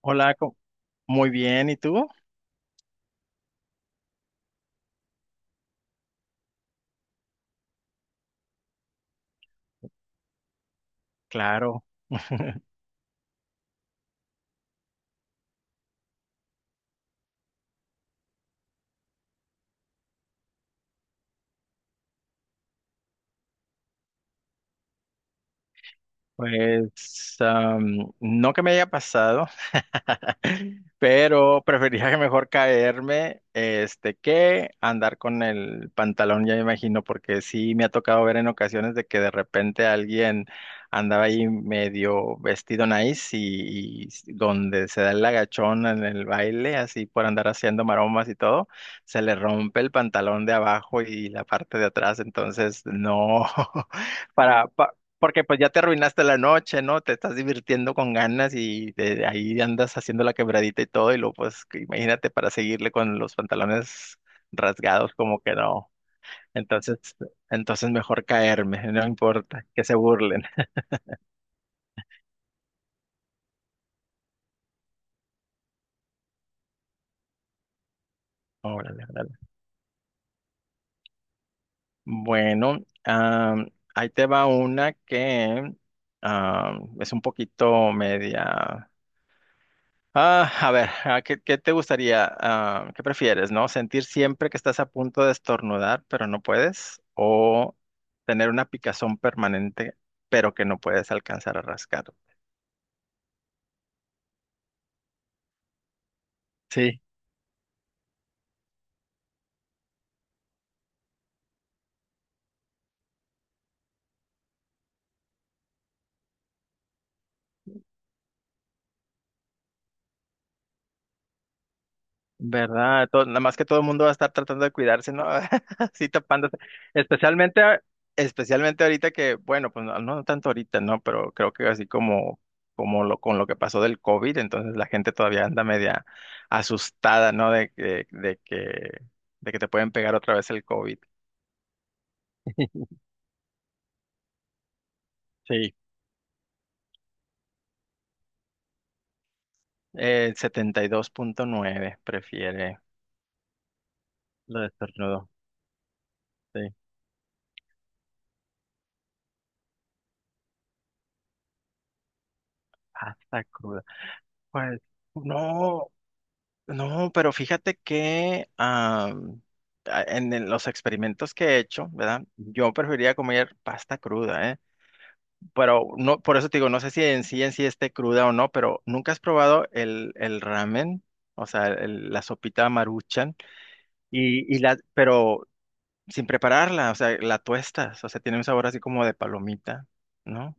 Hola, muy bien, ¿y tú? Claro. Pues no que me haya pasado. Pero preferiría que mejor caerme este que andar con el pantalón. Ya me imagino, porque sí me ha tocado ver en ocasiones de que de repente alguien andaba ahí medio vestido nice y donde se da el agachón en el baile, así por andar haciendo maromas y todo, se le rompe el pantalón de abajo y la parte de atrás. Entonces no. Para, pa- porque pues ya te arruinaste la noche, ¿no? Te estás divirtiendo con ganas y de ahí andas haciendo la quebradita y todo, y luego pues que imagínate para seguirle con los pantalones rasgados, como que no. Entonces, entonces mejor caerme, no importa, que se burlen. Órale, órale. Bueno, am, ahí te va una que es un poquito media. Ah, a ver, ah, ¿qué te gustaría? Ah, ¿qué prefieres, no? ¿Sentir siempre que estás a punto de estornudar, pero no puedes? ¿O tener una picazón permanente, pero que no puedes alcanzar a rascar? Sí. ¿Verdad? Nada más que todo el mundo va a estar tratando de cuidarse, ¿no? Así tapándose. Especialmente, a- especialmente ahorita que, bueno, pues no, no tanto ahorita, ¿no? Pero creo que así como, como lo, con lo que pasó del COVID, entonces la gente todavía anda media asustada, ¿no? De que te pueden pegar otra vez el COVID. Sí. El 72.9 prefiere lo de estornudo. Sí. Hasta cruda. Pues, no. No, pero fíjate que en los experimentos que he hecho, ¿verdad? Yo preferiría comer pasta cruda, ¿eh? Pero no, por eso te digo, no sé si en sí esté cruda o no, pero ¿nunca has probado el ramen? O sea, la sopita Maruchan y la, pero sin prepararla. O sea, la tuestas, o sea, tiene un sabor así como de palomita, ¿no?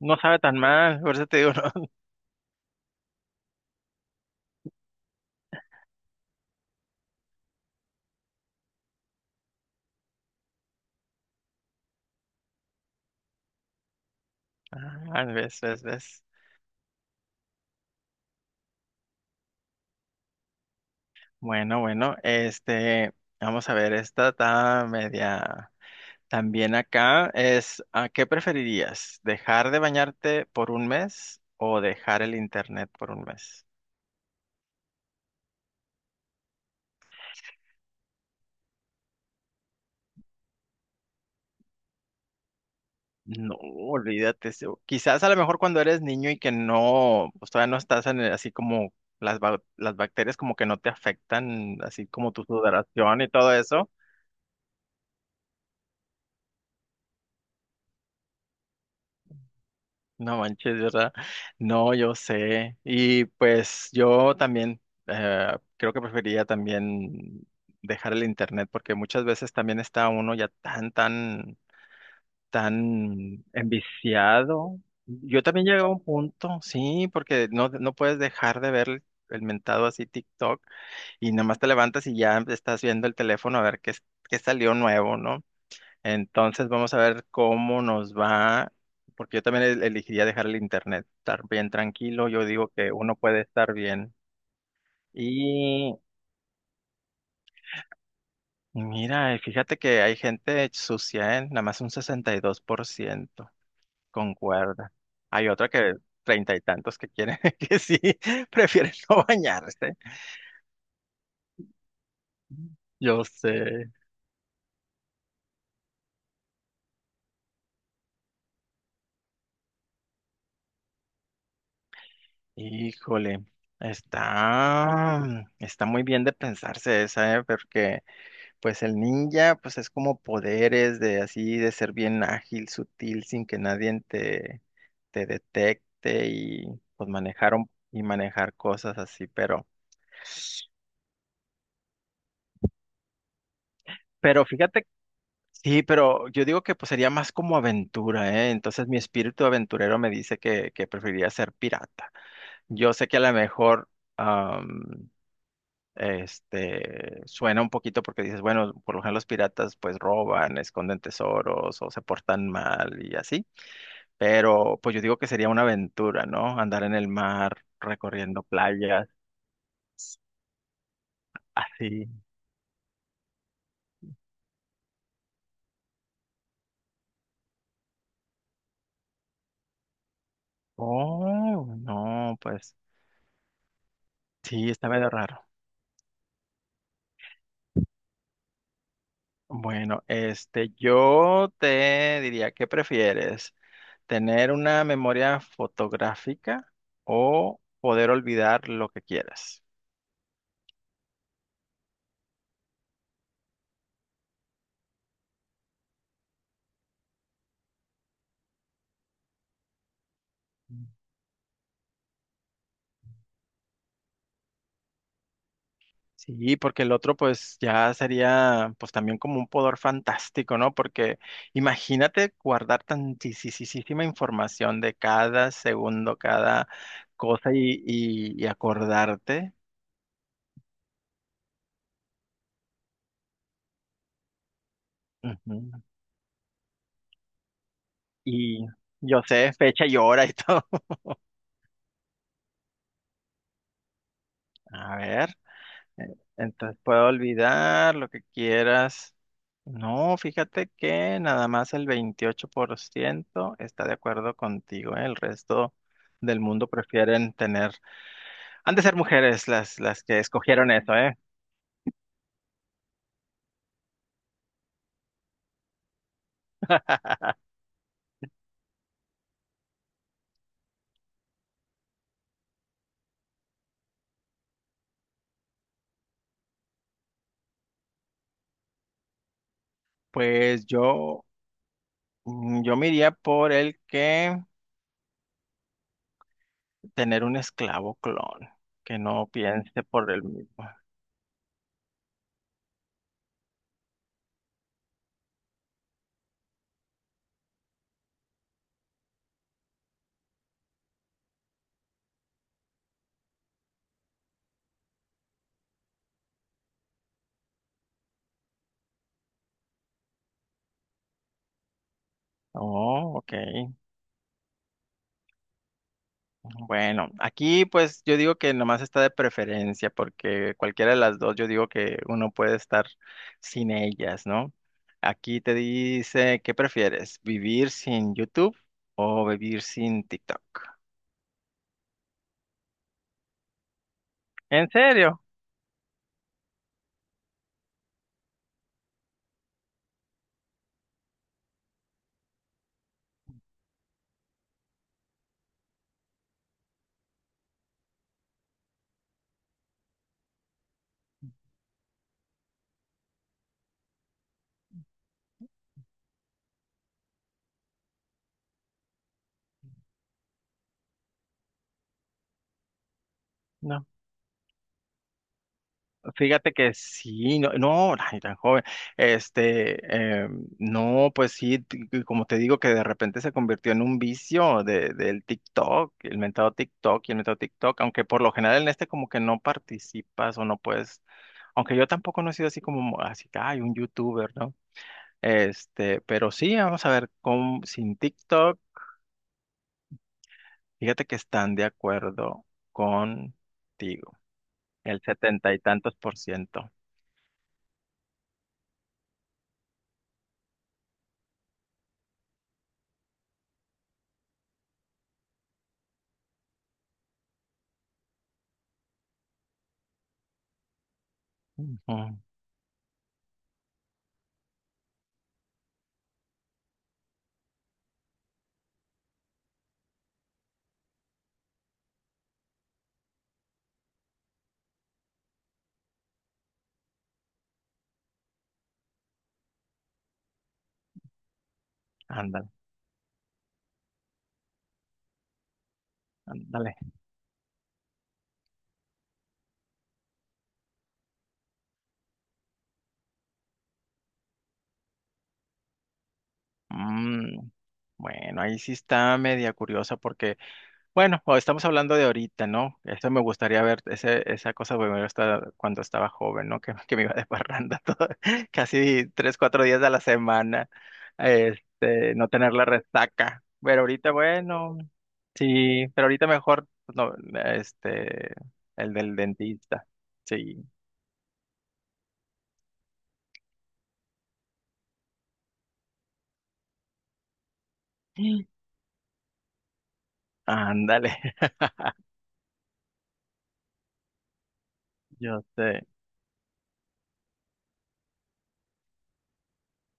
No sabe tan mal, por eso te digo. No. Ah, ves, ves, ves. Bueno, bueno, este, vamos a ver, esta está media. También acá es, ¿a qué preferirías? ¿Dejar de bañarte por un mes o dejar el internet por un mes? No, olvídate. Quizás a lo mejor cuando eres niño y que no, pues todavía no estás así como las bacterias como que no te afectan, así como tu sudoración y todo eso. No manches, ¿verdad? No, yo sé. Y pues yo también creo que preferiría también dejar el internet porque muchas veces también está uno ya tan, tan, tan enviciado. Yo también llegué a un punto, sí, porque no, no puedes dejar de ver el mentado así TikTok y nada más te levantas y ya estás viendo el teléfono a ver qué salió nuevo, ¿no? Entonces vamos a ver cómo nos va, porque yo también elegiría dejar el internet, estar bien tranquilo, yo digo que uno puede estar bien. Y mira, y fíjate que hay gente sucia, ¿eh? Nada más un 62% concuerda. Hay otra que treinta y tantos que quieren que sí, prefieren no bañarse. Yo sé. Híjole, está muy bien de pensarse esa, ¿eh? Porque pues el ninja, pues es como poderes de así, de ser bien ágil, sutil, sin que nadie te detecte y pues y manejar cosas así, pero, fíjate, sí, pero yo digo que pues sería más como aventura, ¿eh? Entonces mi espíritu aventurero me dice que preferiría ser pirata. Yo sé que a lo mejor, am, este, suena un poquito porque dices, bueno, por lo general los piratas pues roban, esconden tesoros o se portan mal y así. Pero pues yo digo que sería una aventura, ¿no? Andar en el mar, recorriendo playas, así. Oh, no, pues sí, está medio raro. Bueno, este, yo te diría, ¿qué prefieres? ¿Tener una memoria fotográfica o poder olvidar lo que quieras? Sí, porque el otro pues ya sería pues también como un poder fantástico, ¿no? Porque imagínate guardar tantísima información de cada segundo, cada cosa y acordarte. Ujú. Y yo sé fecha y hora y todo. A ver, eh, entonces puedo olvidar lo que quieras. No, fíjate que nada más el 28% está de acuerdo contigo, ¿eh? El resto del mundo prefieren tener. Han de ser mujeres las que escogieron eso, ¿eh? Pues yo, mm, yo me iría por el que tener un esclavo clon, que no piense por él mismo. Oh, ok. Bueno, aquí pues yo digo que nomás está de preferencia, porque cualquiera de las dos yo digo que uno puede estar sin ellas, ¿no? Aquí te dice, ¿qué prefieres? ¿Vivir sin YouTube o vivir sin TikTok? ¿En serio? No. Fíjate que sí, no, no, ay, tan joven. Este, no, pues sí, que como te digo, que de repente se convirtió en un vicio de, del TikTok, el mentado TikTok y el mentado TikTok, aunque por lo general en este como que no participas o no puedes, aunque yo tampoco no he sido así como, así que hay un youtuber, ¿no? Este, pero sí, vamos a ver, con, sin TikTok, fíjate que están de acuerdo contigo, el setenta y tantos por ciento. Ujú. Ándale, ándale. Mm, bueno, ahí sí está media curiosa porque, bueno, o estamos hablando de ahorita, ¿no? Eso me gustaría ver, ese, esa cosa me gusta cuando estaba joven, ¿no? Que me iba de parranda todo, casi 3, 4 días a la semana, este, no tener la resaca. Pero ahorita, bueno, sí, pero ahorita mejor, pues, no, este, el del dentista, sí. Ándale. Yo sé,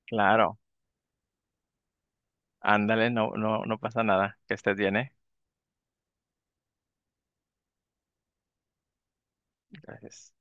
claro, ándale, no, no, no pasa nada, que estés bien, ¿eh? Gracias.